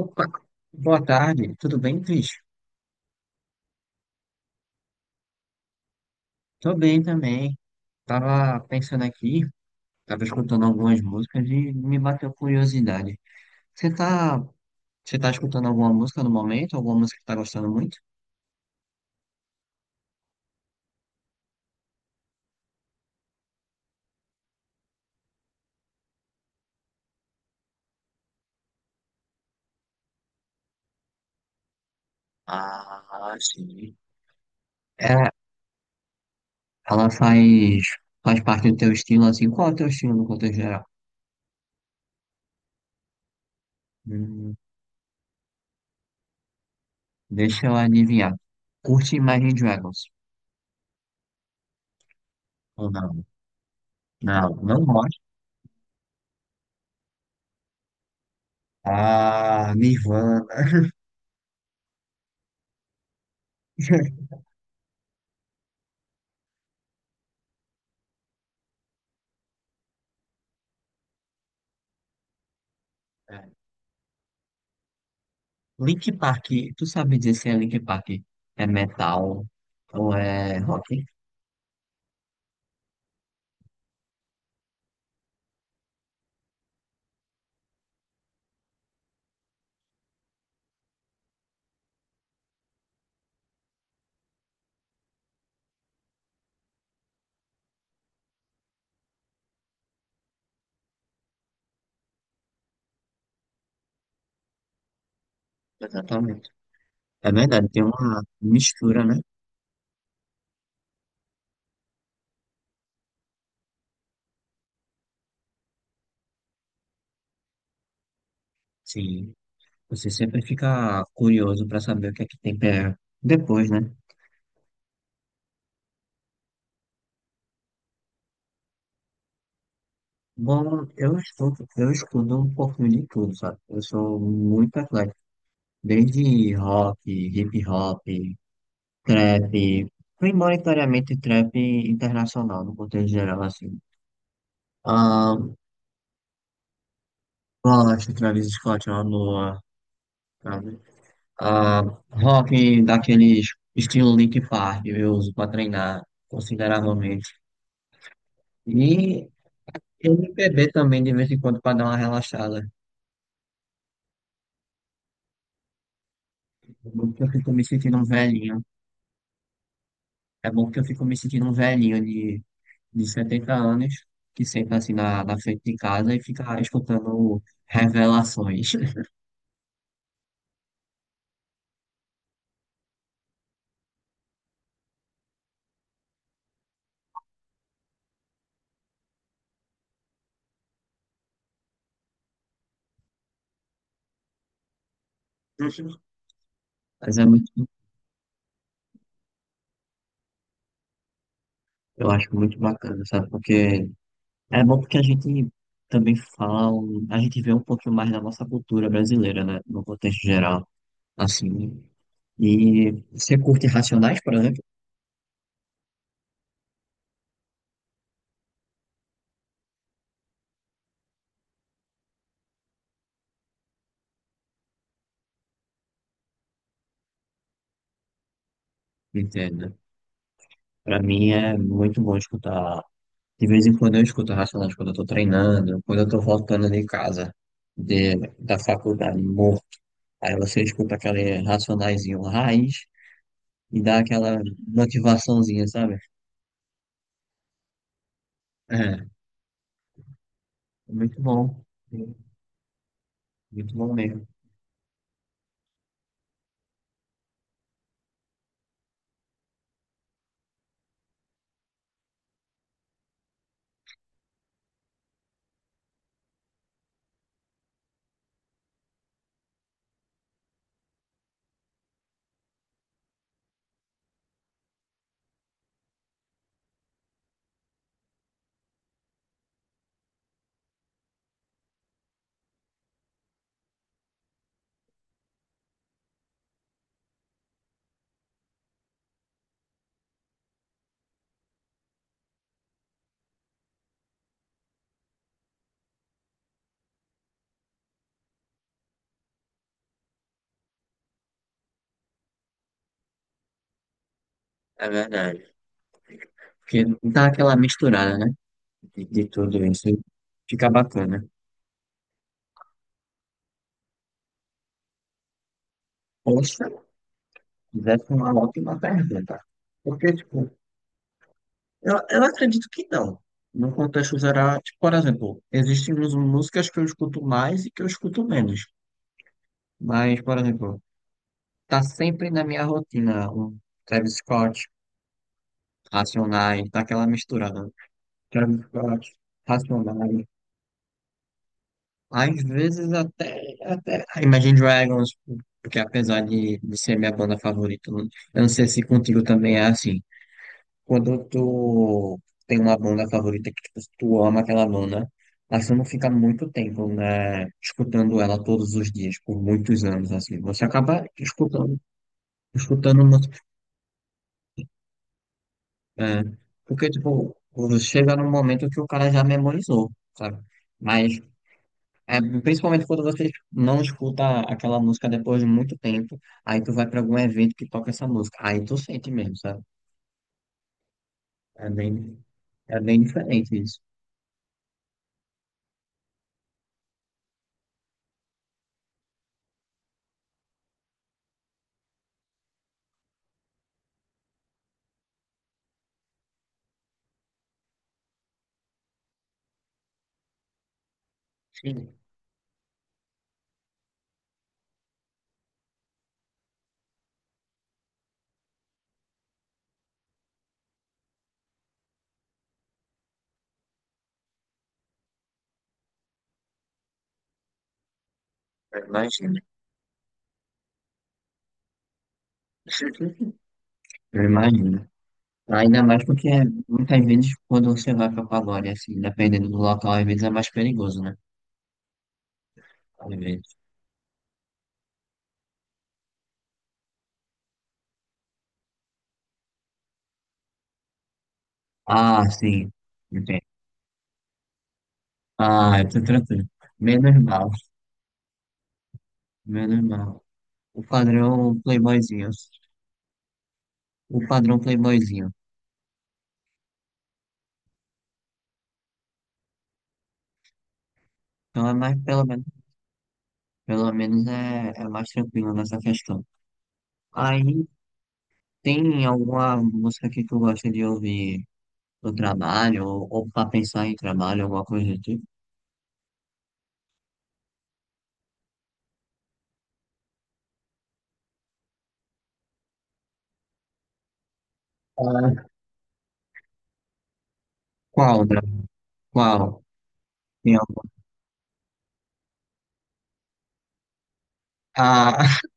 Opa, boa tarde, tudo bem, Cris? Tô bem também. Tava pensando aqui, tava escutando algumas músicas e me bateu curiosidade. Você tá, você tá escutando alguma música no momento? Alguma música que tá gostando muito? Ah, sim. É, ela faz parte do teu estilo, assim. Qual é o teu estilo no contexto geral? Hum, Deixa eu adivinhar. Curte Imagine Dragons? Ou não? Não, não gosto. Ah, Nirvana. Link Park, tu sabe dizer se é Link Park é metal ou é rock? Exatamente. É verdade, tem uma mistura, né? Sim. Você sempre fica curioso pra saber o que é que tem depois, né? Bom, eu estudo um pouquinho de tudo, sabe? Eu sou muito eclético. Desde rock, hip hop, trap, primordialmente trap internacional, no contexto geral, assim. Ah, gosto de Travis Scott, é uma boa. Ah, rock daqueles estilo Linkin Park, eu uso para treinar consideravelmente. E MPB também, de vez em quando, para dar uma relaxada. É bom que eu fico me sentindo um velhinho. É bom que eu fico me sentindo um velhinho de 70 anos, que senta assim na frente de casa e fica escutando revelações. Mas é muito, eu acho muito bacana, sabe? Porque É bom porque a gente também fala, a gente vê um pouquinho mais da nossa cultura brasileira, né? No contexto geral, assim. E você curte Racionais, por exemplo? Entendo. Pra mim é muito bom escutar. De vez em quando eu escuto Racionais quando eu tô treinando, quando eu tô voltando de casa, da faculdade, morto. Aí você escuta aquele racionaizinho raiz e dá aquela motivaçãozinha, sabe? É, muito bom. Muito bom mesmo. É verdade. Porque dá aquela misturada, né? De tudo isso. Fica bacana. Poxa, fizesse uma ótima pergunta. Porque, tipo, eu acredito que não. No contexto geral, tipo, por exemplo, existem músicas que eu escuto mais e que eu escuto menos. Mas, por exemplo, tá sempre na minha rotina um Travis Scott, Racionais, tá aquela misturada. Travis Scott, Racionais. Às vezes até Imagine Dragons, porque apesar de ser minha banda favorita, eu não sei se contigo também é assim. Quando tu tem uma banda favorita que tipo, tu ama aquela banda, mas tu não fica muito tempo, né, escutando ela todos os dias, por muitos anos, assim. Você acaba escutando, escutando, uma- é, porque, tipo, chega num momento que o cara já memorizou, sabe? Mas é, principalmente quando você não escuta aquela música depois de muito tempo, aí tu vai pra algum evento que toca essa música, aí tu sente mesmo, sabe? É bem, é bem diferente isso. Sim, eu imagino. Eu imagino. Ainda mais porque muitas vezes quando você vai pra pagode, assim, dependendo do local, às vezes é mais perigoso, né? Às vezes. Ah, sim. Entendo. Ah, eu tô tranquilo. Menos mal, menos mal. O padrão playboyzinho. O padrão playboyzinho. Então é mais, pelo menos é mais tranquilo nessa questão. Aí tem alguma música que tu gosta de ouvir no trabalho, ou pra pensar em trabalho, alguma coisa do tipo? Ah, qual, André? Qual? Tem al- Ah,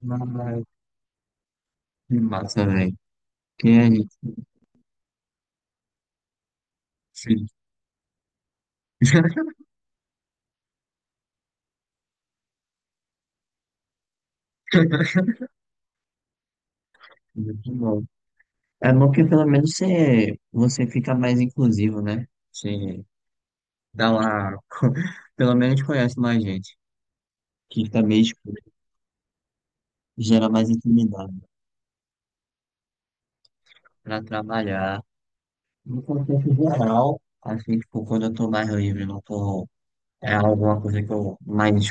mano, que massa, velho. Que é isso? Sim. Muito bom. É bom que pelo menos você fica mais inclusivo, né? Você dá uma. Pelo menos conhece mais gente, que também tipo, gera mais intimidade. Para trabalhar. No contexto geral, assim, tipo, quando eu tô mais livre, não tô. É alguma coisa que eu mais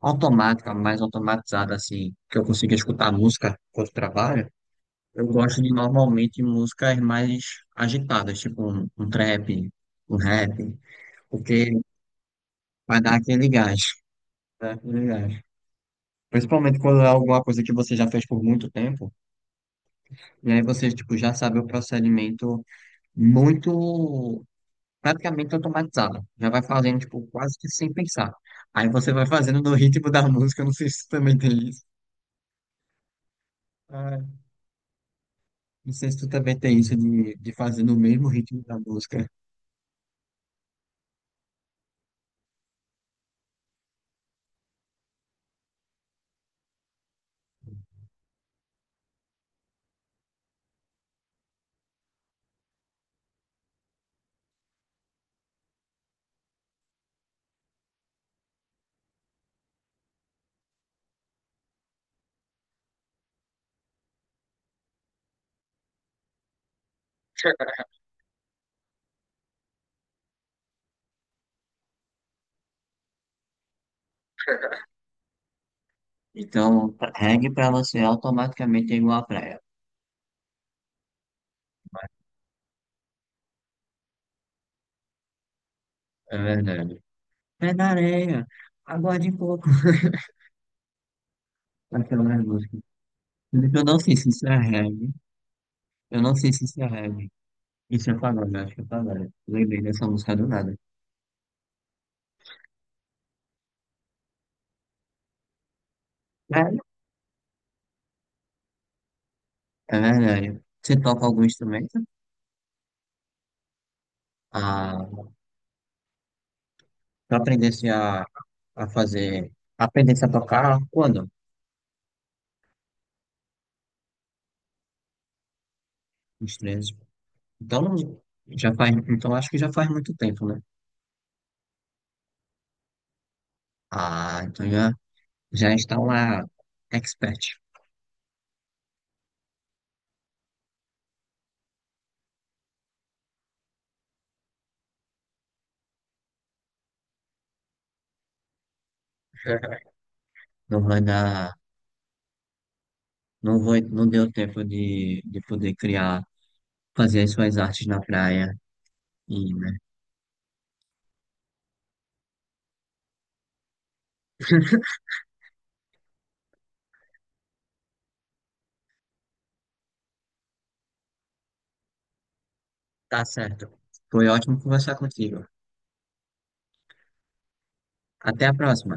automática, mais automatizada, assim, que eu consiga escutar música quando trabalho. Eu gosto de normalmente músicas mais agitadas, tipo um trap, um rap, porque vai dar aquele gás. Né, aquele gás. Principalmente quando é alguma coisa que você já fez por muito tempo, e aí você, tipo, já sabe o procedimento muito praticamente automatizada. Já vai fazendo, tipo, quase que sem pensar. Aí você vai fazendo no ritmo da música, eu não sei se tu também tem isso. Ah, não sei se tu também tem isso de fazer no mesmo ritmo da música. Então, reggae pra você automaticamente é igual à praia. É verdade. Pé na areia, aguarde um pouco. Aquela música. Eu não sei se isso é reggae. Eu não sei se isso é reggae. Isso é pagode, eu acho que é pagode. Lembrei dessa música do nada. É, é verdade. Você toca algum instrumento? Ah, tu a fazer, aprendesse a tocar quando? Uns 13. Então, não- já faz, Então acho que já faz muito tempo, né? Ah, então já está uma expert. Não vai dar, não deu tempo de poder criar, fazer as suas artes na praia e, né? Tá certo. Foi ótimo conversar contigo. Até a próxima.